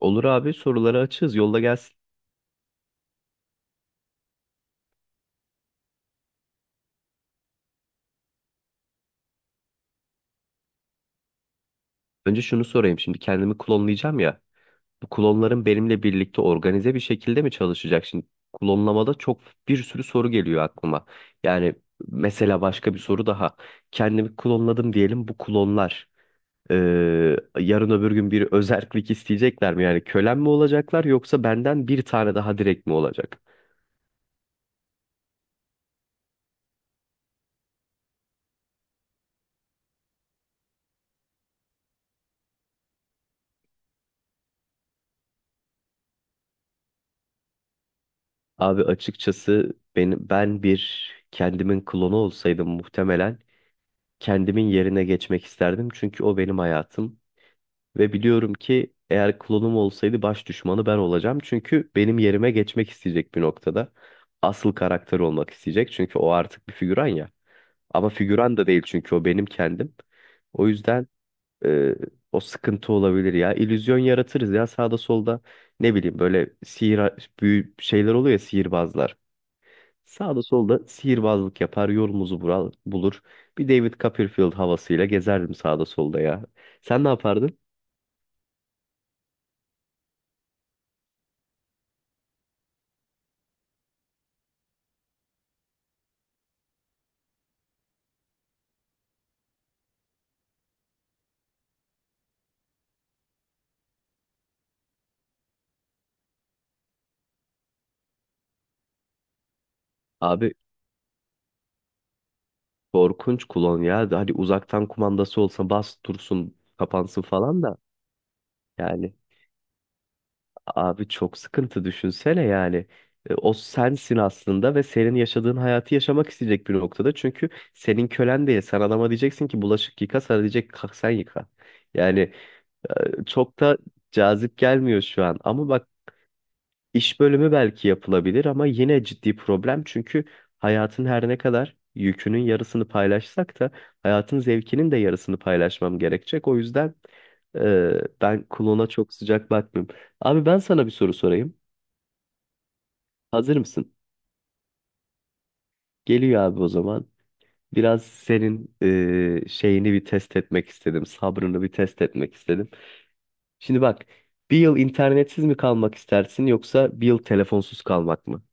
Olur abi soruları açığız. Yolla gelsin. Önce şunu sorayım. Şimdi kendimi klonlayacağım ya. Bu klonların benimle birlikte organize bir şekilde mi çalışacak? Şimdi klonlamada çok bir sürü soru geliyor aklıma. Yani mesela başka bir soru daha. Kendimi klonladım diyelim bu klonlar. e, Yarın öbür gün bir özerklik isteyecekler mi? Yani kölen mi olacaklar yoksa benden bir tane daha direkt mi olacak? Abi açıkçası ben bir kendimin klonu olsaydım muhtemelen kendimin yerine geçmek isterdim. Çünkü o benim hayatım. Ve biliyorum ki eğer klonum olsaydı baş düşmanı ben olacağım. Çünkü benim yerime geçmek isteyecek bir noktada. Asıl karakter olmak isteyecek. Çünkü o artık bir figüran ya. Ama figüran da değil çünkü o benim kendim. O yüzden e, o sıkıntı olabilir ya. İllüzyon yaratırız ya sağda solda. Ne bileyim böyle sihir büyü şeyler oluyor ya sihirbazlar. Sağda solda sihirbazlık yapar, yolumuzu bulur. Bir David Copperfield havasıyla gezerdim sağda solda ya. Sen ne yapardın? Abi korkunç klon ya. Hani uzaktan kumandası olsa bas dursun, kapansın falan da. Yani abi çok sıkıntı düşünsene yani. E, o sensin aslında ve senin yaşadığın hayatı yaşamak isteyecek bir noktada. Çünkü senin kölen değil. Sen adama diyeceksin ki bulaşık yıka, sana diyecek, "Kalk sen yıka." Yani çok da cazip gelmiyor şu an. Ama bak. İş bölümü belki yapılabilir ama yine ciddi problem çünkü hayatın her ne kadar yükünün yarısını paylaşsak da hayatın zevkinin de yarısını paylaşmam gerekecek. O yüzden ben klona çok sıcak bakmıyorum. Abi ben sana bir soru sorayım. Hazır mısın? Geliyor abi o zaman. Biraz senin şeyini bir test etmek istedim. Sabrını bir test etmek istedim. Şimdi bak, bir yıl internetsiz mi kalmak istersin yoksa bir yıl telefonsuz kalmak mı?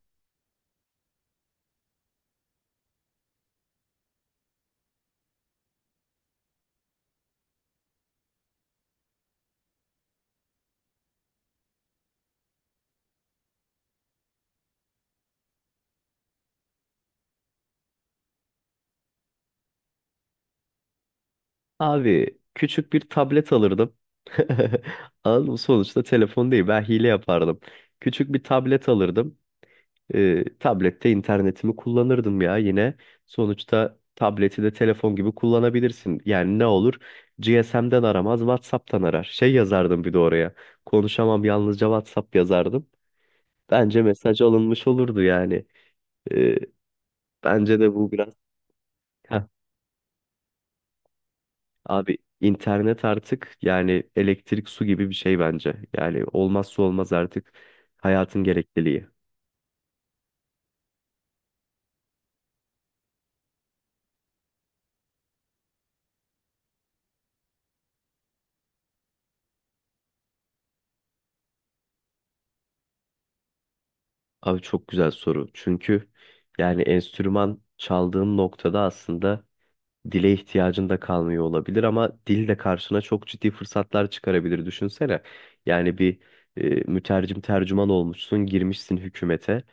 Abi küçük bir tablet alırdım. Anladın mı? Sonuçta telefon değil. Ben hile yapardım. Küçük bir tablet alırdım. Tablette internetimi kullanırdım ya yine. Sonuçta tableti de telefon gibi kullanabilirsin. Yani ne olur? GSM'den aramaz, WhatsApp'tan arar. Şey yazardım bir de oraya. Konuşamam yalnızca WhatsApp yazardım. Bence mesaj alınmış olurdu yani. Ee, Bence de bu biraz... Abi internet artık yani elektrik su gibi bir şey bence. Yani olmazsa olmaz artık hayatın gerekliliği. Abi çok güzel soru. Çünkü yani enstrüman çaldığın noktada aslında dile ihtiyacın da kalmıyor olabilir ama dil de karşına çok ciddi fırsatlar çıkarabilir düşünsene. Yani bir mütercim tercüman olmuşsun, girmişsin hükümete.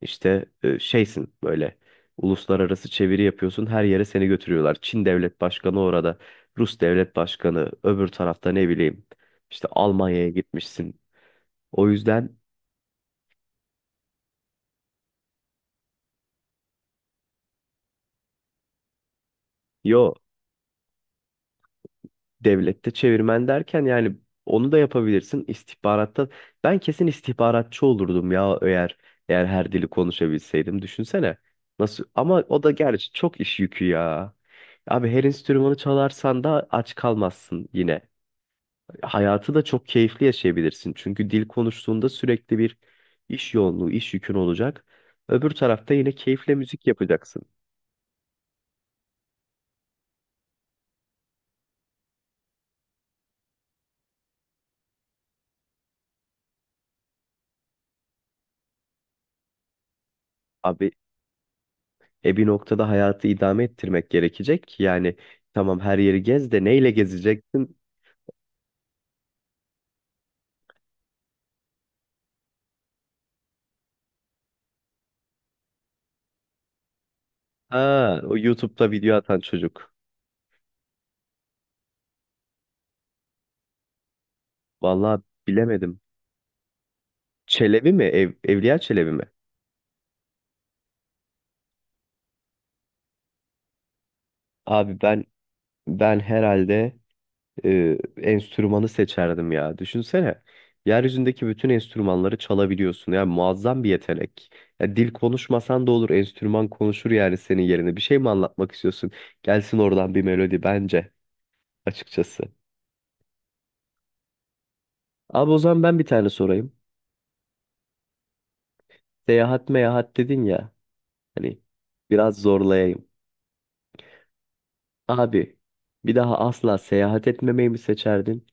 İşte şeysin böyle uluslararası çeviri yapıyorsun her yere seni götürüyorlar. Çin devlet başkanı orada, Rus devlet başkanı öbür tarafta ne bileyim işte Almanya'ya gitmişsin. O yüzden yo, devlette çevirmen derken yani onu da yapabilirsin istihbaratta. Ben kesin istihbaratçı olurdum ya eğer her dili konuşabilseydim düşünsene. Nasıl ama o da gerçi çok iş yükü ya. Abi her enstrümanı çalarsan da aç kalmazsın yine. Hayatı da çok keyifli yaşayabilirsin. Çünkü dil konuştuğunda sürekli bir iş yoğunluğu, iş yükün olacak. Öbür tarafta yine keyifle müzik yapacaksın. Abi bir noktada hayatı idame ettirmek gerekecek. Yani tamam her yeri gez de neyle gezeceksin? Ha, o YouTube'da video atan çocuk. Vallahi bilemedim. Çelebi mi? Evliya Çelebi mi? Abi ben herhalde enstrümanı seçerdim ya. Düşünsene. Yeryüzündeki bütün enstrümanları çalabiliyorsun. Yani muazzam bir yetenek. Ya dil konuşmasan da olur. Enstrüman konuşur yani senin yerine. Bir şey mi anlatmak istiyorsun? Gelsin oradan bir melodi bence açıkçası. Abi o zaman ben bir tane sorayım. Seyahat meyahat dedin ya. Hani biraz zorlayayım. Abi bir daha asla seyahat etmemeyi mi seçerdin?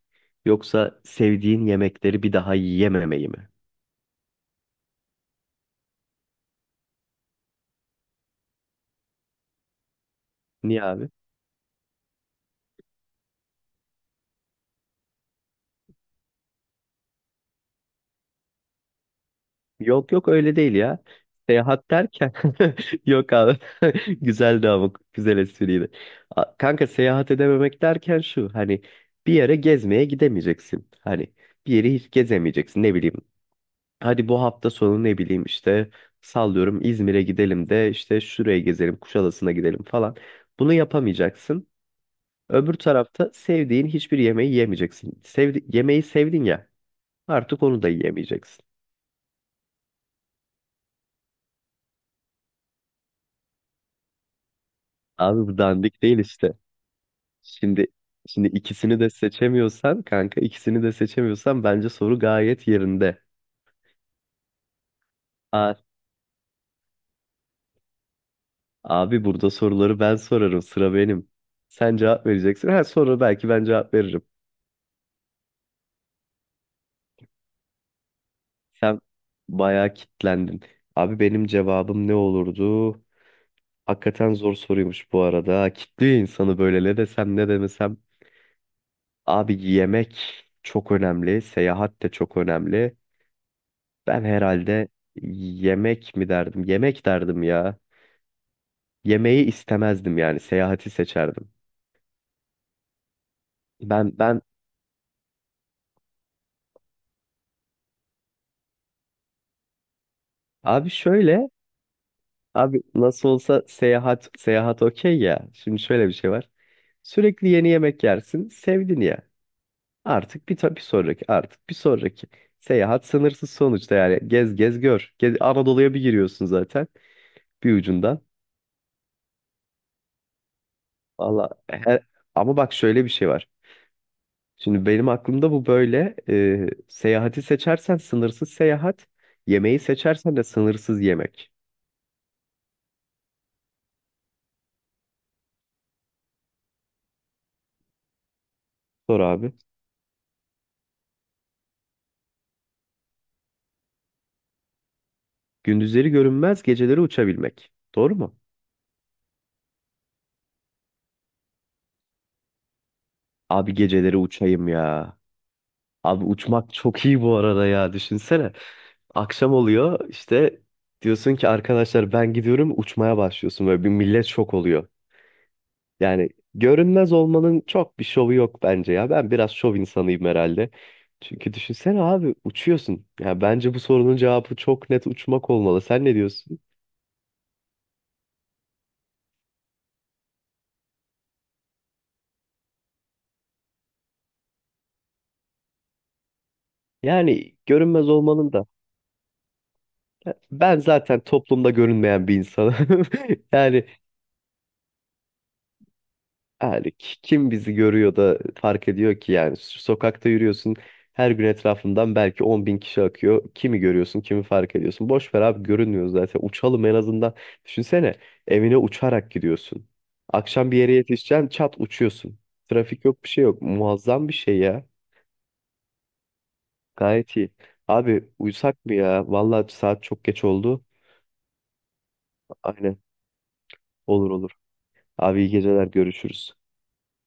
Yoksa sevdiğin yemekleri bir daha yiyememeyi mi? Niye abi? Yok yok öyle değil ya. Seyahat derken yok abi. Güzeldi ama güzel espriydi. Kanka, seyahat edememek derken şu hani bir yere gezmeye gidemeyeceksin. Hani bir yeri hiç gezemeyeceksin ne bileyim. Hadi bu hafta sonu ne bileyim işte sallıyorum İzmir'e gidelim de işte şuraya gezelim Kuşadası'na gidelim falan. Bunu yapamayacaksın. Öbür tarafta sevdiğin hiçbir yemeği yemeyeceksin. Sevdi yemeği sevdin ya artık onu da yiyemeyeceksin. Abi bu dandik değil. Şimdi şimdi ikisini de seçemiyorsan kanka, ikisini de seçemiyorsan bence soru gayet yerinde. A Abi, burada soruları ben sorarım, sıra benim. Sen cevap vereceksin. Her soru belki ben cevap veririm. Sen bayağı kitlendin. Abi benim cevabım ne olurdu? Hakikaten zor soruymuş bu arada. Kitliyor insanı böyle, ne desem ne demesem. Abi yemek çok önemli. Seyahat de çok önemli. Ben herhalde yemek mi derdim? Yemek derdim ya. Yemeği istemezdim yani seyahati seçerdim. Ben abi şöyle, abi nasıl olsa seyahat seyahat okey ya. Şimdi şöyle bir şey var. Sürekli yeni yemek yersin, sevdin ya. Artık bir tabii sonraki, artık bir sonraki. Seyahat sınırsız sonuçta, yani gez gez gör. Gez, Anadolu'ya bir giriyorsun zaten bir ucundan. Valla ama bak şöyle bir şey var. Şimdi benim aklımda bu böyle, seyahati seçersen sınırsız seyahat, yemeği seçersen de sınırsız yemek. Sor abi. Gündüzleri görünmez, geceleri uçabilmek. Doğru mu? Abi geceleri uçayım ya. Abi uçmak çok iyi bu arada ya. Düşünsene. Akşam oluyor işte, diyorsun ki arkadaşlar ben gidiyorum, uçmaya başlıyorsun. Böyle bir millet şok oluyor. Yani görünmez olmanın çok bir şovu yok bence ya. Ben biraz şov insanıyım herhalde. Çünkü düşünsene abi, uçuyorsun. Ya bence bu sorunun cevabı çok net uçmak olmalı. Sen ne diyorsun? Yani görünmez olmanın da... Ben zaten toplumda görünmeyen bir insanım. Yani, yani, kim bizi görüyor da fark ediyor ki yani sokakta yürüyorsun, her gün etrafından belki 10 bin kişi akıyor. Kimi görüyorsun, kimi fark ediyorsun. Boş ver abi, görünmüyoruz zaten, uçalım en azından. Düşünsene, evine uçarak gidiyorsun. Akşam bir yere yetişeceksin, çat uçuyorsun. Trafik yok, bir şey yok. Muazzam bir şey ya. Gayet iyi. Abi uyusak mı ya? Vallahi saat çok geç oldu. Aynen, olur olur. Abi iyi geceler, görüşürüz.